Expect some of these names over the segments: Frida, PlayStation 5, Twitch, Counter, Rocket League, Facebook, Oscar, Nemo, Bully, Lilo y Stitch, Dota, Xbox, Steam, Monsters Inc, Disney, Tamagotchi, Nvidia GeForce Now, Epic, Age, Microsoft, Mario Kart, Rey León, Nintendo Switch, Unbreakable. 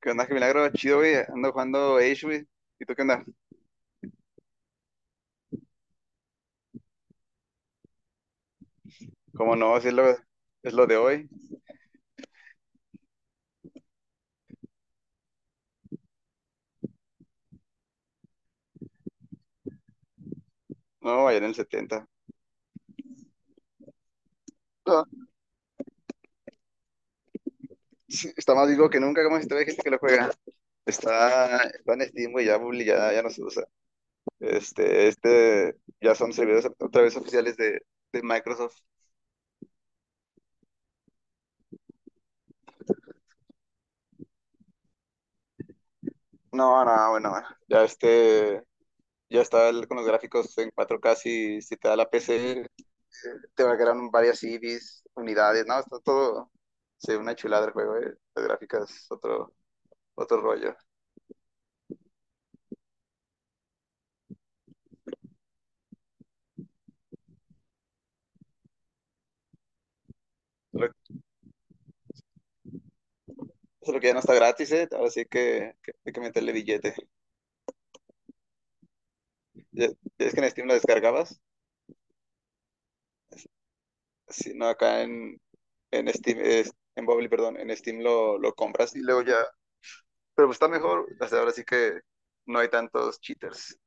¿Qué onda? Qué milagro, chido, güey. Ando jugando Age, güey. ¿Y tú qué onda? ¿Cómo no? Si es lo de hoy. No, ayer en el 70. No, sí, está más vivo que nunca, como si todavía hay gente que lo juega. Está en Steam, güey, ya, Bully, ya, ya no se usa. Ya son servidores otra vez oficiales de Microsoft. No, no, bueno, ya este, ya está con los gráficos en 4K, si, si te da la PC, te va a quedar varias CDs, unidades, no, está todo, sí, una chulada el juego, Las gráficas, otro rollo. Lo- Solo que ya no está gratis, ¿eh? Ahora sí que hay que meterle billete. ¿Ya, ya es que en Steam lo descargabas? Si no, acá en Steam, en Bubbly, perdón, en Steam lo compras y luego ya. Pero pues está mejor, hasta ahora sí que no hay tantos cheaters.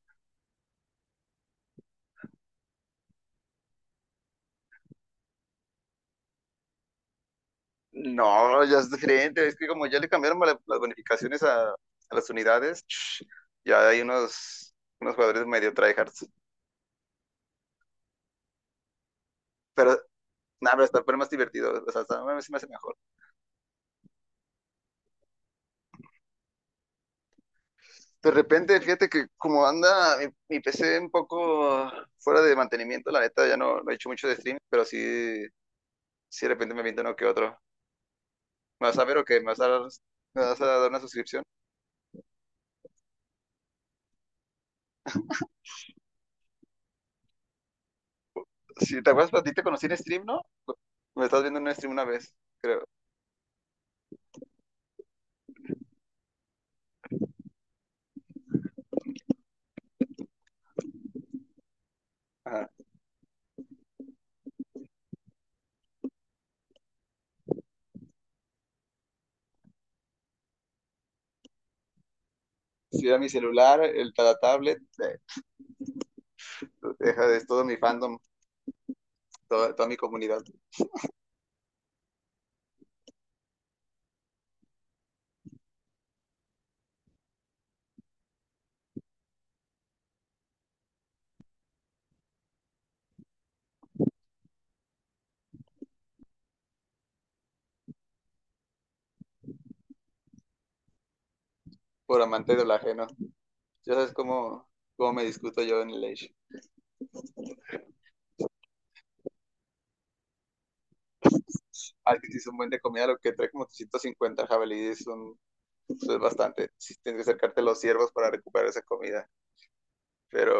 No, ya es diferente. Es que como ya le cambiaron las bonificaciones a las unidades, ya hay unos jugadores medio tryhards. Pero nada, pero está pero más divertido. O sea, a mí se me hace mejor. De repente, fíjate que como anda mi, mi PC un poco fuera de mantenimiento, la neta ya no, no he hecho mucho de streaming, pero sí, sí de repente me aviento uno que otro. ¿Me vas a ver o qué? ¿Me vas a dar una suscripción? Si te acuerdas, a ti te conocí en stream, ¿no? Me estás viendo en un stream una vez, creo. Ajá. Sí, era mi celular, el, la tablet, eh, deja de es todo mi fandom, toda mi comunidad, por amante de lo ajeno. Ya sabes cómo me discuto yo en el Age. Ah, que sí es un buen de comida, lo que trae como 350 jabalíes. Un Eso es bastante. Sí, tienes que acercarte a los ciervos para recuperar esa comida. Pero,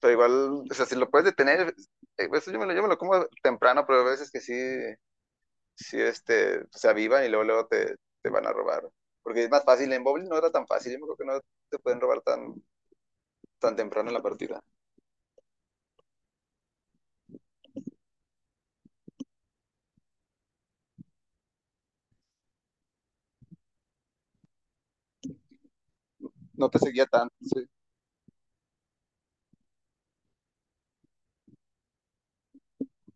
pero igual, o sea, si lo puedes detener, eso yo me lo como temprano, pero a veces que sí, sí se avivan y luego, luego te van a robar. Porque es más fácil. En Bowling no era tan fácil. Yo me creo que no te pueden robar tan temprano en la partida. No te seguía tanto. Sí.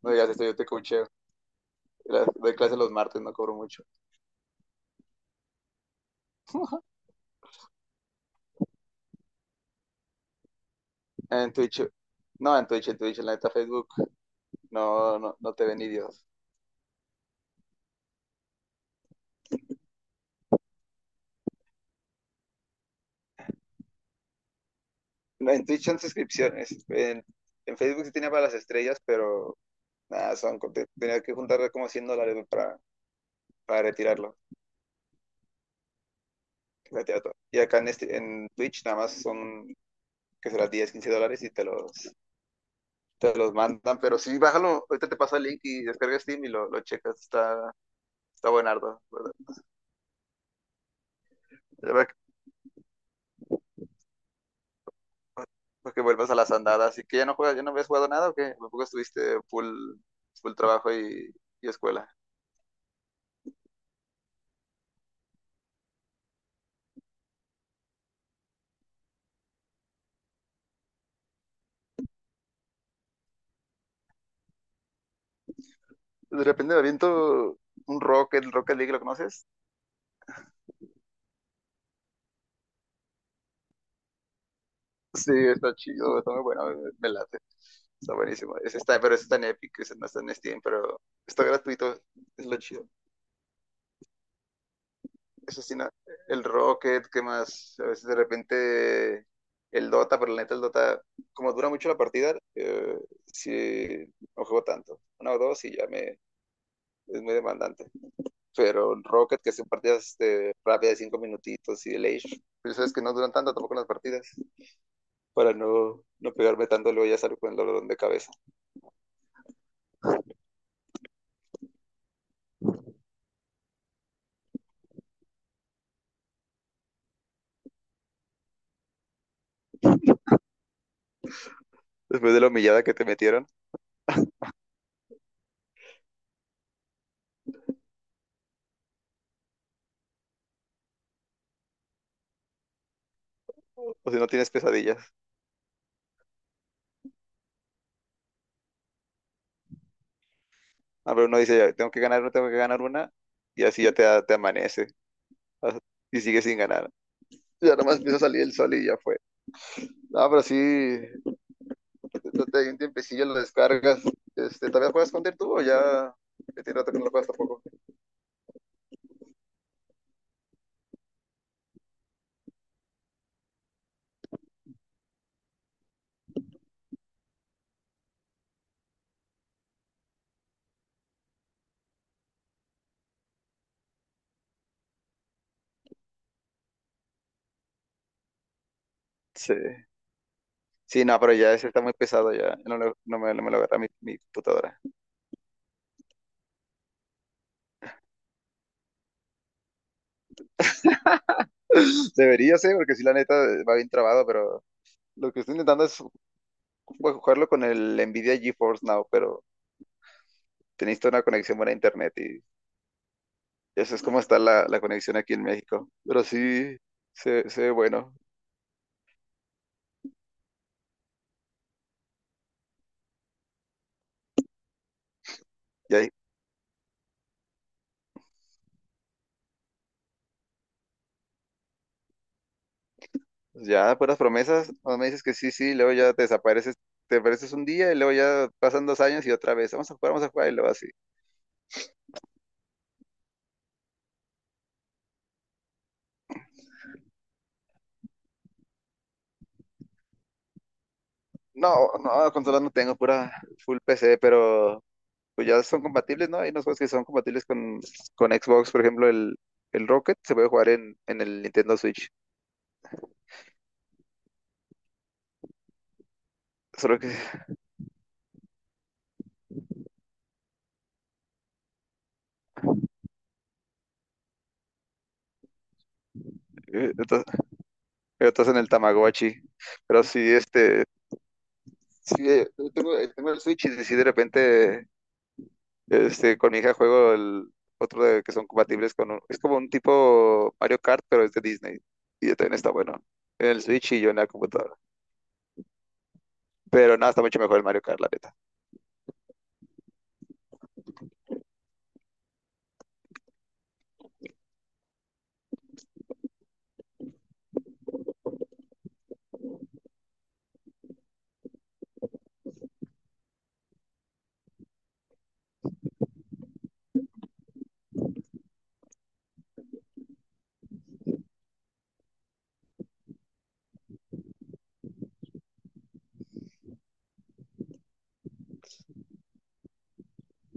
No digas esto, yo te coacheo. Doy clase los martes, no cobro mucho. En Twitch, no, en Twitch, en la neta Facebook, no, no, no te ven ni Dios. En Twitch son suscripciones. En Facebook sí tenía para las estrellas, pero nada, tenía que juntar como $100, ¿no? para retirarlo. Retirar todo. Y acá en Twitch nada más que será $10, $15 y te los mandan. Pero sí, bájalo, ahorita te pasa el link y descargas Steam y lo checas. Está buenardo. ¿Verdad? Ya para que vuelvas a las andadas. ¿Y que ya no juegas, ya no habías jugado nada o qué? Tampoco estuviste full trabajo y escuela. De repente me aviento un Rocket, el Rocket League, ¿lo conoces? Sí, está chido, está muy bueno, me late. Está buenísimo. Ese está, pero ese está en Epic, ese no está en Steam, pero está gratuito, es lo chido. Eso sí, el Rocket, ¿qué más? A veces de repente el Dota, pero la neta el Dota, como dura mucho la partida, sí, no juego tanto. Una o dos y es muy demandante. Pero el Rocket, que son partidas rápidas de 5 minutitos y el Age, pero sabes que no duran tanto tampoco las partidas, para no, no pegarme tanto, luego ya salgo con el dolor de cabeza. Después de la humillada que te metieron, o si no tienes pesadillas. Ah, pero uno dice, ya, tengo que ganar una, tengo que ganar una, y así te amanece as- y sigues sin ganar. Ya nomás empieza a salir el sol y ya fue. Ah, pero sí, un tiempecillo lo descargas. ¿Todavía juegas Counter tú o ya ya tiene rato que no lo juegas tampoco? Sí. Sí, no, pero ya ese está muy pesado ya. No, no me lo agarra mi, mi computadora. Debería ser, porque sí, la neta va bien trabado, pero lo que estoy intentando es jugarlo con el Nvidia GeForce Now, pero tenéis toda una conexión buena a internet y eso es como está la conexión aquí en México. Pero sí, se ve bueno. Y ahí, pues ya puras promesas, no me dices que sí, sí, y luego ya te desapareces un día y luego ya pasan 2 años y otra vez, vamos a jugar y luego así. No, no, consolas no tengo, pura full PC, pero pues ya son compatibles, ¿no? Hay unos juegos que son compatibles con Xbox, por ejemplo, el Rocket se puede jugar en el Nintendo Switch. Solo que eh, estás, estás en el Tamagotchi. Pero sí, sí, tengo el Switch y si de repente con mi hija juego el otro que son compatibles con... es como un tipo Mario Kart, pero es de Disney. Y también está bueno. En el Switch y yo en la computadora. Pero nada, está mucho mejor el Mario Kart, la neta.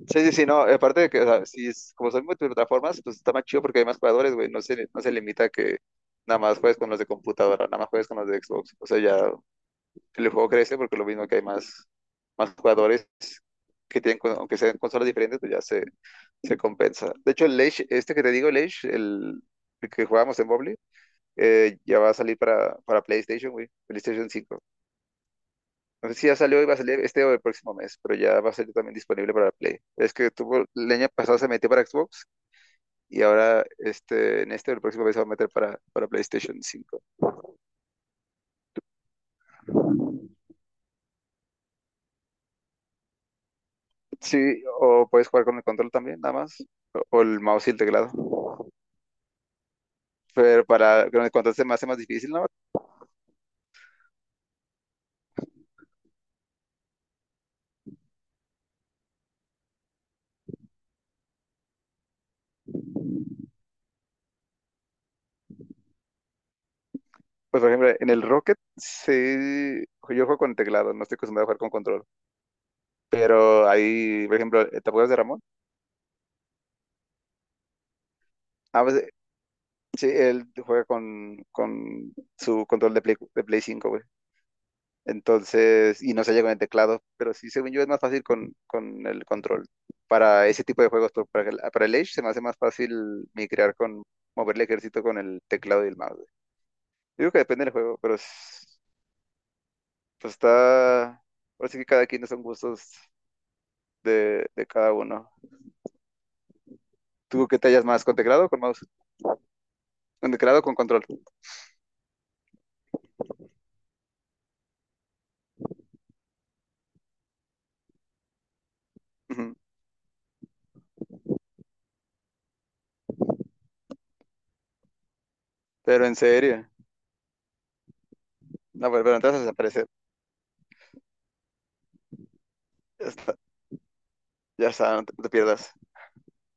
Sí, sí, sí, no. Aparte de que, o sea, si es, como son multiplataformas, pues está más chido porque hay más jugadores, güey. No se, no se limita a que nada más juegues con los de computadora, nada más juegues con los de Xbox. O sea, ya el juego crece porque lo mismo que hay más jugadores que tienen, aunque sean consolas diferentes, pues ya se compensa. De hecho, el Age, este que te digo, el Age, el que jugábamos en Mobile, ya va a salir para PlayStation, güey. PlayStation 5. No sé si ya salió y va a salir este o el próximo mes, pero ya va a salir también disponible para Play. Es que tuvo, el año pasado se metió para Xbox y ahora en este o el próximo mes se va a meter para PlayStation 5. Sí, o puedes jugar con el control también, nada más. O el mouse y el teclado. Pero para con el control se me hace más difícil, ¿no? Pues, por ejemplo, en el Rocket, sí, yo juego con teclado, no estoy acostumbrado a jugar con control. Pero ahí, por ejemplo, ¿te acuerdas de Ramón? Ah, pues, sí, él juega con su control de Play, de Play 5, güey. Entonces, y no se llega con el teclado, pero sí, según yo, es más fácil con el control. Para ese tipo de juegos, pero para el Age se me hace más fácil migrar mover el ejército con el teclado y el mouse, güey. Yo digo que depende del juego, pero pues está, ahora sí que cada quien son gustos de cada uno. ¿Tú qué te hallas más? ¿Con teclado o con mouse? Con teclado o con control. Ujú. Pero en serio. No, pero entonces desaparece. Ya está, ya está, no te, no te pierdas.